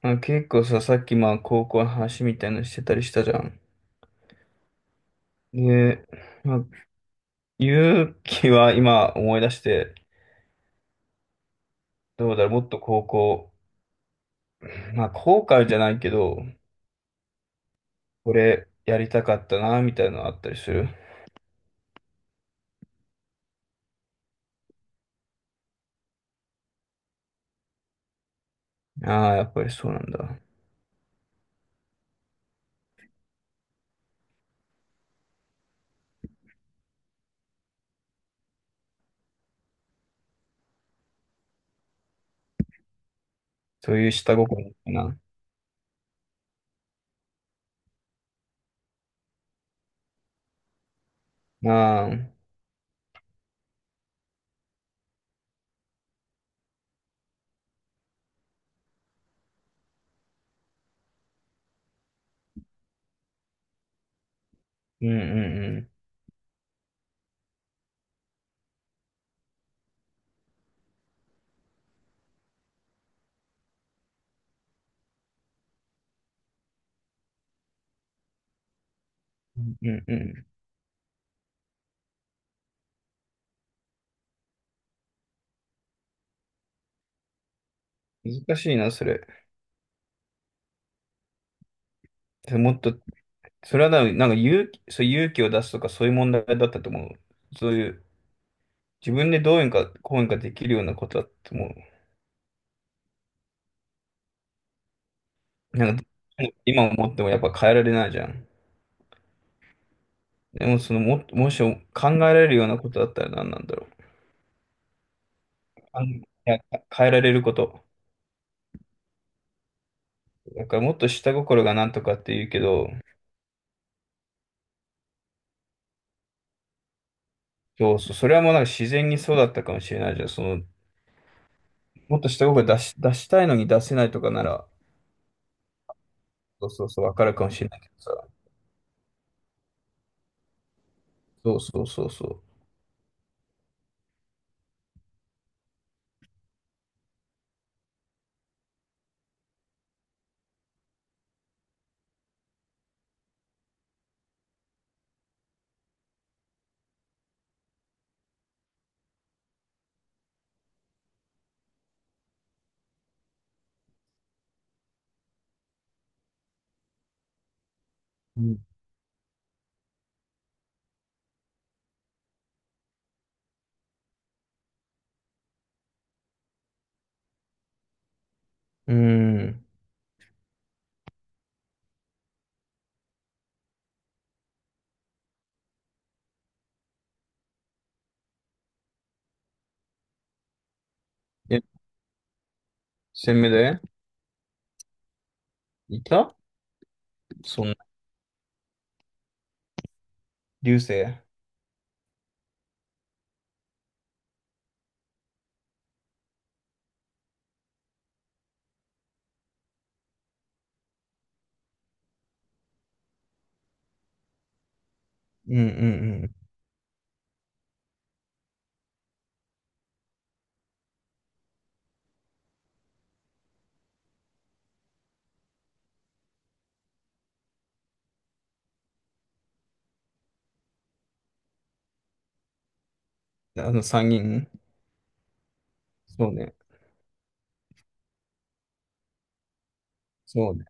あ、結構さ、さっきまあ高校の話みたいのしてたりしたじゃん。で、まあ、勇気は今思い出して、どうだろう、もっと高校、まあ後悔じゃないけど、これやりたかったな、みたいなのあったりする。ああ、やっぱりそうなんだ。そういう下心みたいな。ああ、うんうんうん。うんうんうん。難しいな、それ。もっと、それはなんか勇気、勇気を出すとかそういう問題だったと思う。そういう自分でどうにかこうにかできるようなことだってもう、なんか今思ってもやっぱ変えられないじゃん。でももし考えられるようなことだったら何なんだろう。いや、変えられること。だからもっと下心がなんとかって言うけど、そうそう、それはもうなんか自然にそうだったかもしれないじゃん。その、もっと下心出したいのに出せないとかなら、そうそうそう、わかるかもしれないけどさ。そうそうそうそう。うん。うーん、え、鮮明で、いた、そんな、流星。うんうんうん。あの3人。そうね。そうね。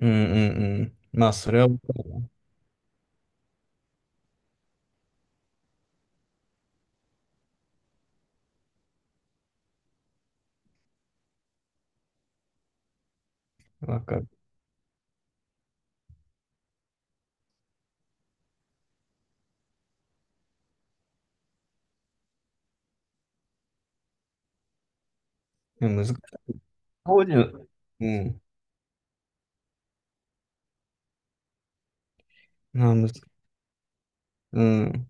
うんうんうん。まあ、それはわかるな。わかる。でも難しい。当時の、うん。まあ、むず、うん。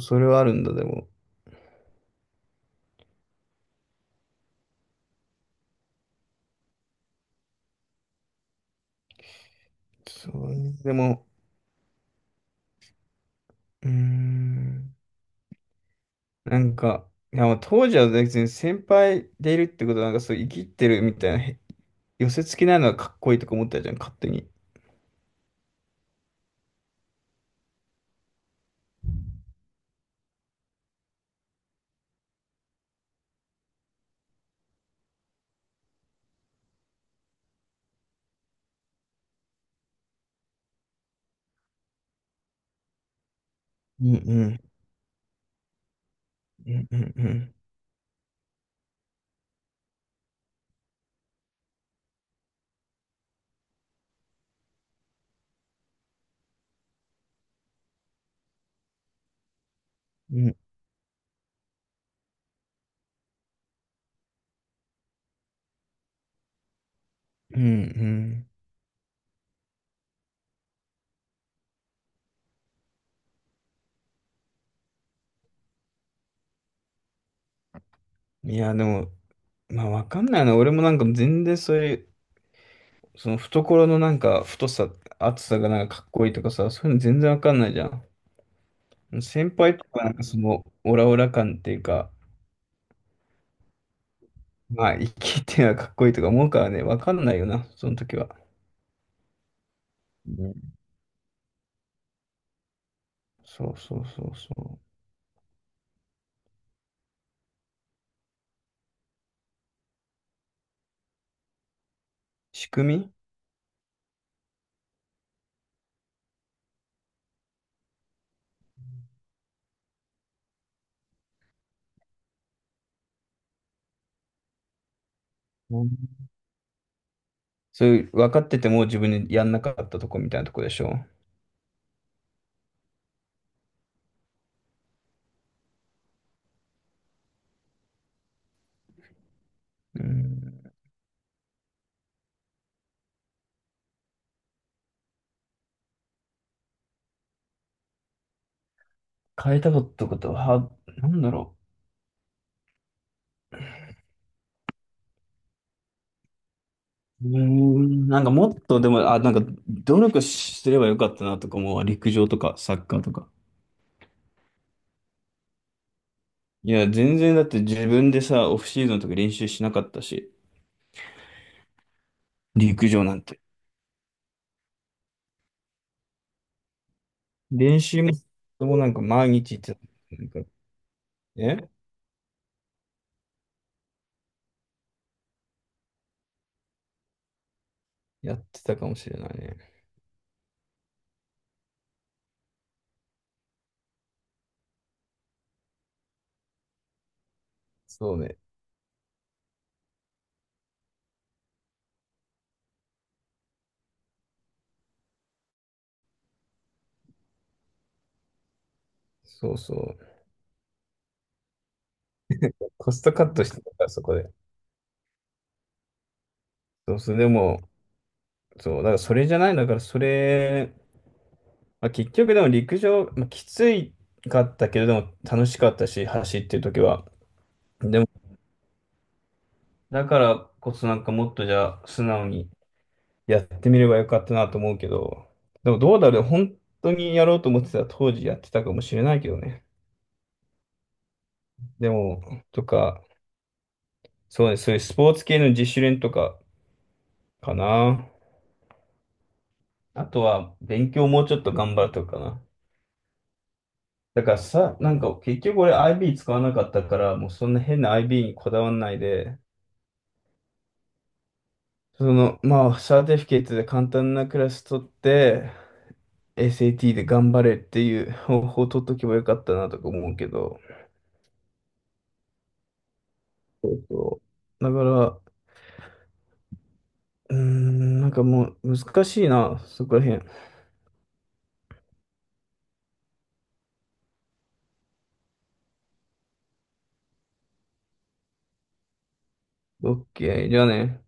それはあるんだ、でも。そうね。でも、うーん。なんか、いや、まあ当時は別に先輩でいるってことは、なんかそう、生きってるみたいな、寄せ付きないのがかっこいいとか思ったじゃん、勝手に。うんうんうんうんうんうんうんうん。いやでも、まあわかんないな、俺もなんか全然そういうその懐のなんか太さ、厚さがなんかかっこいいとかさ、そういうの全然わかんないじゃん。先輩とかなんかそのオラオラ感っていうか、まあ生きてはかっこいいとか思うからね、わかんないよな、その時は。ね。そうそうそうそう。仕組み。うん、そういう分かってても自分にやんなかったとこみたいなとこでしょ。うん、変えたかったことは、なんだろう。うーん、なんかもっとでも、あ、なんか努力すればよかったなとかも陸上とかサッカーとか。いや、全然だって自分でさ、オフシーズンとか練習しなかったし、陸上なんて。練習もなんか毎日って、なんか、えやってたかもしれないね。そうね。そうそう。コストカットしてたから、そこで。そうそう。でも、そう。だからそれじゃない。だからそれ、まあ、結局でも陸上、まあ、きついかったけれども楽しかったし、走ってる時は。でも、だからこそなんかもっとじゃあ素直にやってみればよかったなと思うけど、でもどうだろう、本当にやろうと思ってたら当時やってたかもしれないけどね。でも、とか、そうね、そういうスポーツ系の自主練とかかな。あとは勉強もうちょっと頑張るとかかな。だからさ、なんか結局俺 IB 使わなかったから、もうそんな変な IB にこだわんないで、その、まあ、サーティフィケートで簡単なクラス取って、SAT で頑張れっていう方法を取っとけばよかったなとか思うけど、そうそう。だから、うーん、なんかもう難しいな、そこら辺。オッケー、じゃあね。